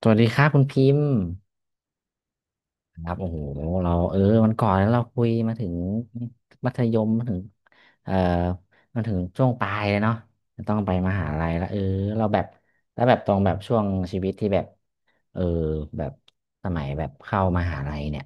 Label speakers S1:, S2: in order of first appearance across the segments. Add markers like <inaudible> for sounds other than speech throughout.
S1: สวัสดีครับคุณพิมพ์ครับโอ้โหเราวันก่อนแล้วเราคุยมาถึงมัธยมมาถึงเอ่อมาถึงช่วงปลายแล้วเนาะจะต้องไปมหาลัยแล้วเออเราแบบแล้วแบบตรงแบบช่วงชีวิตที่แบบเออแบบสมัยแบบเข้ามหาลัยเนี่ย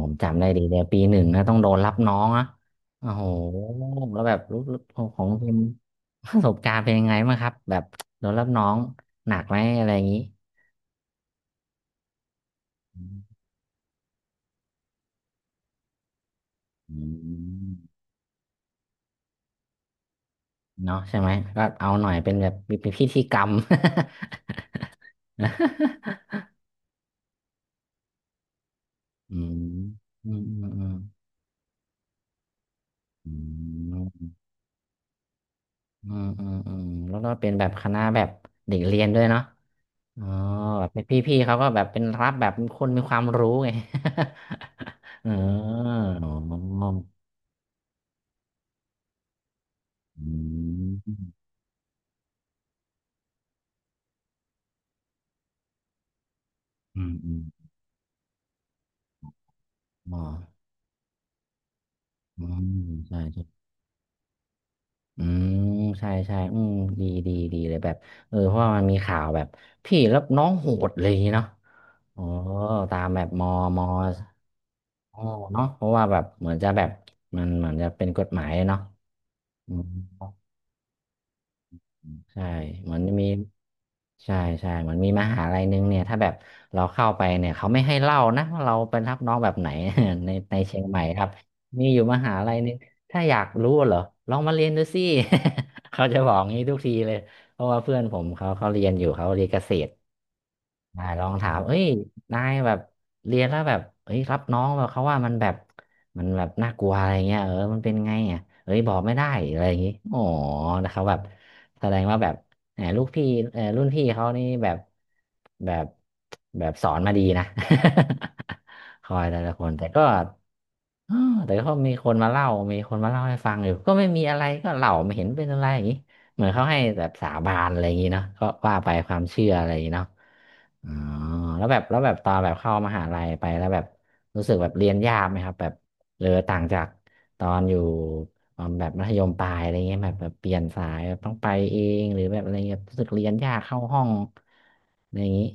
S1: ผมจำได้ดีเลยปีหนึ่งนะต้องโดนรับน้องอะโอ้โหแล้วแบบรู้ของพิมพ์ประสบการณ์เป็นยังไงบ้างครับแบบโดนรับน้องหนักไหมอะไรอย่างนี้อืม เนาะใช่ไหมก็เอาหน่อยเป็นแบบเป็นพิธีกรรม <laughs> อืมอืมอืมอืมอืมอืมอืมอืมแล้วก็เป็นแบบคณะแบบเด็กเรียนด้วยเนาะอ๋อแบบเป็นพี่เขาก็แบบเป็นรับแบบเป็นคนมีความรู้ไง <laughs> เอออ๋ออืมอืมอืมอ๋ออืมใช่ใช่อืมใช่ใช่อืมดีเลยแบบเออเพราะว่ามันมีข่าวแบบพี่แล้วน้องโหดเลยางงี้เนาะ อ๋อตามแบบมออ๋อเนาะเพราะว่าแบบเหมือนจะแบบมันเหมือนจะเป็นกฎหมายเนาะอืมใช่เหมือนมีใช่ใช่เหมือนมีมหาลัยนึงเนี่ยถ้าแบบเราเข้าไปเนี่ยเขาไม่ให้เล่านะว่าเราเป็นรับน้องแบบไหน <laughs> ในเชียงใหม่ครับมีอยู่มหาลัยนึงถ้าอยากรู้เหรอลองมาเรียนดูสิ <laughs> เขาจะบอกงี้ทุกทีเลยเพราะว่าเพื่อนผมเขาเรียนอยู่เขาเรียนเกษตร ได้ลองถามเอ้ยนายแบบเรียนแล้วแบบเอ้ยรับน้องแบบเขาว่ามันแบบมันแบบน่ากลัวอะไรเงี้ยเออมันเป็นไงอ่ะเอ้ยบอกไม่ได้อะไรอย่างงี้อ๋อนะครับแบบแสดงว่าแบบแหมลูกพี่เออรุ่นพี่เขานี่แบบแบบแบบสอนมาดีนะ <laughs> คอยแต่ละคนแต่ก็เออแต่ก็มีคนมาเล่ามีคนมาเล่าให้ฟังอยู่ก็ไม่มีอะไรก็เล่าไม่เห็นเป็นอะไรอย่างงี้เหมือนเขาให้แบบสาบานอะไรอย่างงี้เนาะก็ว่าไปความเชื่ออะไรอย่างนี้เนาะ อ๋อแล้วแบบแล้วแบบตอนแบบเข้ามหาลัยไปแล้วแบบรู้สึกแบบเรียนยากไหมครับแบบเออต่างจากตอนอยู่ตอนแบบมัธยมปลายอะไรเงี้ยแบบเปลี่ยนสายแบบต้องไปเองหรือแบบอะไรเงี้ยรู้สึกเรียนยากเข้าห้องอะไรอย่างงี้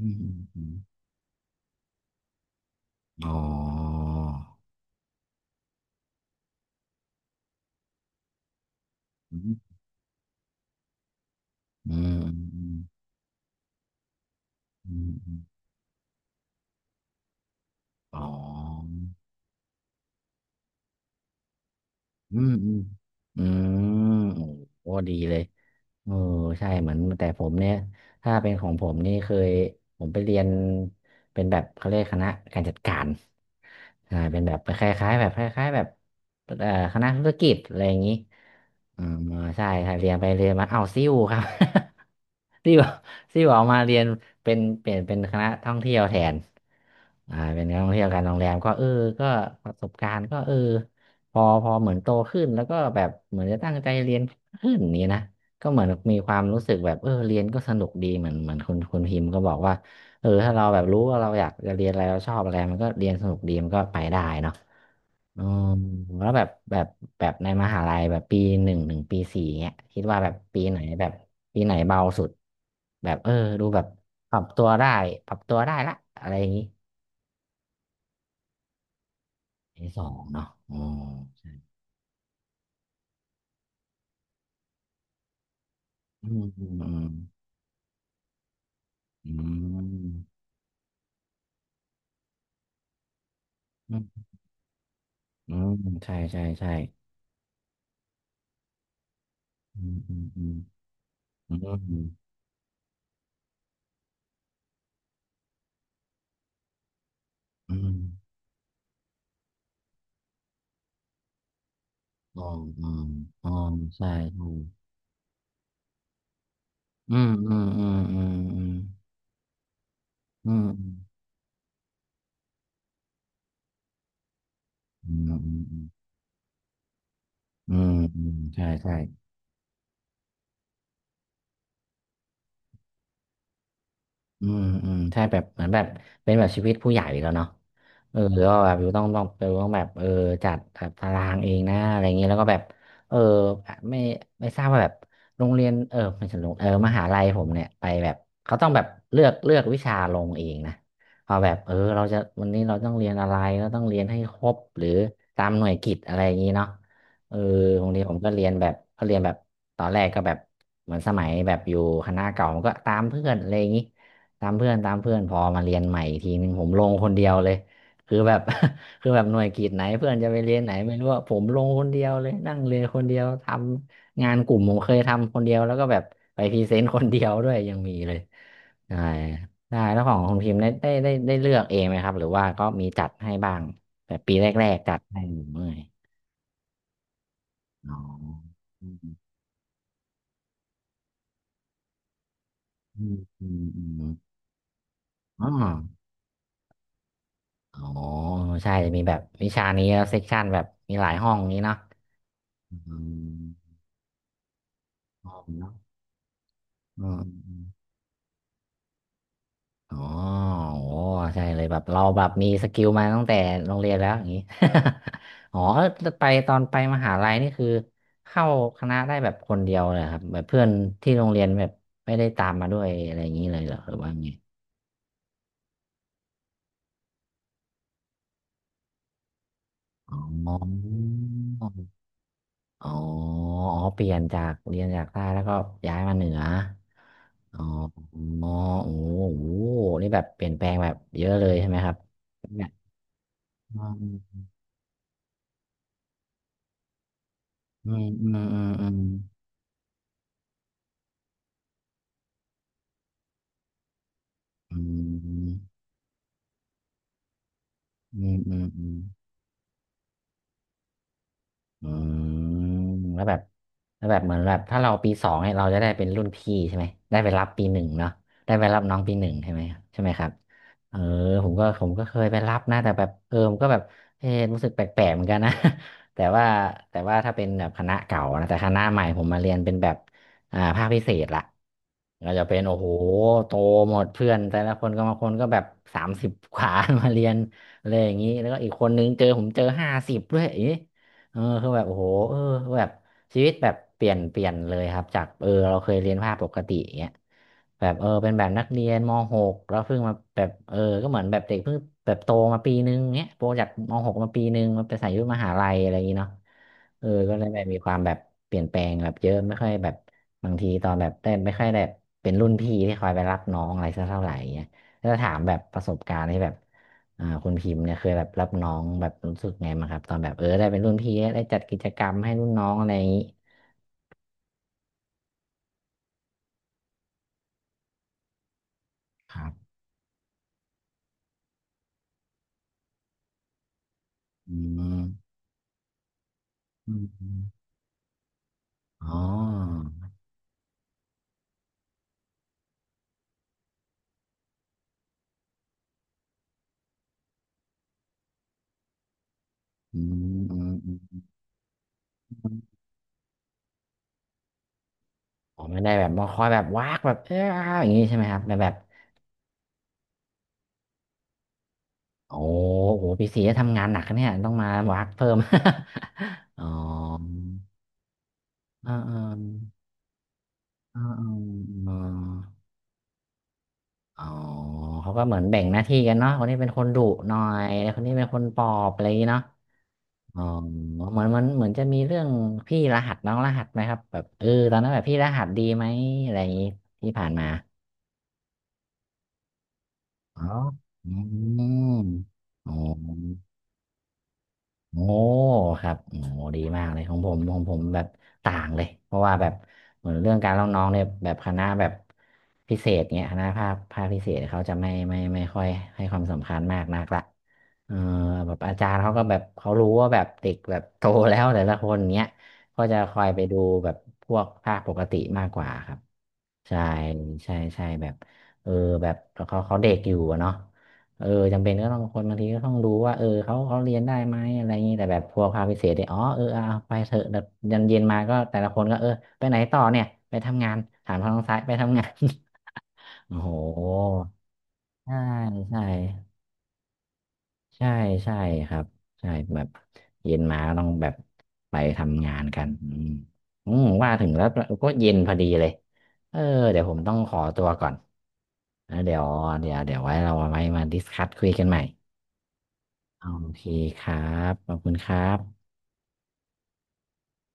S1: อืมอืมอมอ๋ออืมอืมอืมอืมอ๋อ อืมอืมอืมโอ้ดีเลยเออใช่เหมือนแต่ผมเนี่ยถ้าเป็นของผมนี่เคยผมไปเรียนเป็นแบบเขาเรียกคณะการจัดการใช่เป็นแบบคล้ายๆแบบคล้ายๆแบบคณะธุรกิจอะไรอย่างนี้อืมใช่ใช่เรียนไปเรียนมาเอาซิ่วครับ <laughs> ซิ่วซิ่วออกมาเรียนเป็นเปลี่ยนเป็นคณะท่องเที่ยวแทนอ่าเป็นนักท่องเที่ยวการโรงแรมก็เออก็ประสบการณ์ก็เออ พอเหมือนโตขึ้นแล้วก็แบบเหมือนจะตั้งใจเรียนขึ้นนี้นะก็เหมือนมีความรู้สึกแบบเออเรียนก็สนุกดีเหมือนเหมือนคุณพิมพ์ก็บอกว่าเออถ้าเราแบบรู้ว่าเราอยากจะเรียนอะไรเราชอบอะไรมันก็เรียนสนุกดีมันก็ไปได้เนาะอืมแล้วแบบแบบแบบในมหาลัยแบบปีหนึ่งถึงปีสี่เงี้ยคิดว่าแบบปีไหนแบบปีไหนเบาสุดแบบเออดูแบบปรับตัวได้ปรับตัวได้ละอะไรอย่างนี้ปีสองเนาะอ๋อใช่อืมอืมอืม อืมอืมอืมใช่ ใช่ ใช่อืมอืมอืมอืมอืมอ๋ออ๋ออ๋อใช่ใช่อืมอืมอืมอืมอืมอืมอืมอืมอืมอืมใช่ใช่อืมอืมใช่แบบเหมือนแบบเป็นแบบชีวิตผู้ใหญ่แล้วเนาะ เออก็แบบอยู่ต้องไปต้องแบบเออจัดแบบตารางเองนะอะไรอย่างเงี้ยแล้วก็แบบเออไม่ไม่ทราบว่าแบบโรงเรียนเออไม่ใช่โรงเออมหาลัยผมเนี่ยไปแบบเขาต้องแบบเลือกวิชาลงเองนะเอาแบบเออเราจะวันนี้เราต้องเรียนอะไรเราต้องเรียนให้ครบหรือตามหน่วยกิตอะไรอย่างงี้เนาะเออโรงเรียนผมก็เรียนแบบก็เรียนแบบตอนแรกก็แบบเหมือนสมัยแบบอยู่คณะเก่ามันก็ตามเพื่อนอะไรอย่างงี้ตามเพื่อนตามเพื่อนพอมาเรียนใหม่อีกทีหนึ่งผมลงคนเดียวเลย คือแบบ <laughs> คือแบบหน่วยกิจไหนเพื่อนจะไปเรียนไหนไม่รู้ว่าผมลงคนเดียวเลยนั่งเรียนคนเดียวทำงานกลุ่มผมเคยทำคนเดียวแล้วก็แบบไปพรีเซนต์คนเดียวด้วยยังมีเลยใช่ได้แล้วของคุณพิมพ์ได้ได้ได้ได้เลือกเองไหมครับหรือว่าก็มีจัดให้บ้างแบบปีแรกๆจัดให้หรือไม่อ๋ออืมอืมอืมอืมอ๋ออ๋อใช่จะมีแบบวิชานี้เซกชันแบบมีหลายห้องนี้เนาะอืมห้องเนาะอืม อ๋อโอ้ใช่เลยแบบเราแบบมีสกิลมาตั้งแต่โรงเรียนแล้วอย่างนี้ <laughs> อ๋อออไปตอนไปมหาลัยนี่คือเข้าคณะได้แบบคนเดียวเลยครับแบบเพื่อนที่โรงเรียนแบบไม่ได้ตามมาด้วยอะไรอย่างนี้เลยเหรอหรือว่าไงอ๋ออ๋ออ๋อเปลี่ยนจากเรียนจากใต้แล้วก็ย้ายมาเหนืออ๋ออ๋อโอ้โหนี่แบบเปลี่ยนแปลงแบบเยอะเลยใช่ไหมครับเนี่ยอืมอืมอืมอืม อืมอืมอืมอืม อืมแล้วแบบเหมือนแบบถ้าเราปีสองเนี่ยเราจะได้เป็นรุ่นพี่ใช่ไหมได้ไปรับปีหนึ่งเนาะได้ไปรับน้องปีหนึ่งใช่ไหมใช่ไหมครับเออผมก็เคยไปรับนะแต่แบบผมก็แบบรู้สึกแปลกๆเหมือนกันนะ <laughs> แต่ว่าถ้าเป็นแบบคณะเก่านะแต่คณะใหม่ผมมาเรียนเป็นแบบภาคพิเศษละก็จะเป็นโอ้โหโตหมดเพื่อนแต่ละคนก็บางคนก็แบบสามสิบกว่า <laughs> มาเรียนอะไรอย่างนี้แล้วก็อีกคนนึงเจอผมเจอห้าสิบด้วยอย่างนี้ คือแบบโอ้โหแบบชีวิตแบบเปลี่ยนเลยครับจากเราเคยเรียนภาคปกติอย่างเงี้ยแบบเป็นแบบนักเรียนม .6 แล้วเพิ่งมาแบบก็เหมือนแบบเด็กเพิ่งแบบโตมาปีนึงเงี้ยโตจากม .6 มาปีนึงมาไปใส่ยุคมหาลัยอะไรอย่างงี้เนาะก็เลยแบบมีความแบบเปลี่ยนแปลงแบบเยอะไม่ค่อยแบบบางทีตอนแบบได้ไม่ค่อยแบบเป็นรุ่นพี่ที่คอยไปรับน้องอะไรสักเท่าไหร่เงี้ยถ้าถามแบบประสบการณ์ที่แบบ คุณพิมพ์เนี่ยเคยแบบรับน้องแบบรู้สึกไงมั้างครับตอนแบบได้เป็นรุ่นพี่ได้จัดกิจกรรมให้รุ่นน้องอะไรอย่างนี้ครับอืมอืมอมอ๋ออืมอืมอืมอมอ๋อไม่ได้แบบมาคอยแบบวากแบบอย่างนี้ใช่ไหมครับแต่แบบโอ้โหพี่สีจะทำงานหนักนะเนี่ยต้องมาวากเพิ่ม <laughs> อ๋ออ่าอ่าอ่าอ่าอ่าอ๋อเขาก็เหมือนแบ่งหน้าที่กันเนาะคนนี้เป็นคนดุหน่อยแลคนนี้เป็นคนปลอบอะไรอย่างงี้เนาะ อ๋อเหมือนมันเหมือนจะมีเรื่องพี่รหัสน้องรหัสไหมครับแบบตอนนั้นแบบพี่รหัสดีไหมอะไรอย่างนี้ที่ผ่านมาอ๋ออืมอ๋อ โอ้ครับโอ้ดีมากเลยของผมแบบต่างเลยเพราะว่าแบบเหมือนเรื่องการเล่าน้องเนี่ยแบบคณะแบบพิเศษเงี้ยคณะภาคพิเศษเขาจะไม่ค่อยให้ความสำคัญมากนักละเออแบบอาจารย์เขาก็แบบเขารู้ว่าแบบเด็กแบบโตแล้วแต่ละคนเงี้ยก็จะคอยไปดูแบบพวกภาคปกติมากกว่าครับใช่ใช่ใช่แบบเออแบบเขาเด็กอยู่อะเนาะ เออจำเป็นก็ต้องคนบางทีก็ต้องดูว่าเขาเรียนได้ไหมอะไรอย่างนี้แต่แบบพวกภาคพิเศษเนี่ยอ๋อเอาไปเถอะแบบยันเย็นมาก็แต่ละคนก็ไปไหนต่อเนี่ยไปทำงานถามทางซ้ายไปทำงาน <laughs> โอ้โหใช่ใช่ใช่ใช่ครับใช่แบบเย็นมาก็ต้องแบบไปทำงานกันอืมอืมว่าถึงแล้วก็เย็นพอดีเลยเออเดี๋ยวผมต้องขอตัวก่อนแล้วเดี๋ยวไว้เรามาดิสคัสคุยกันใหม่ โอเคครับ ขอบคุณครับ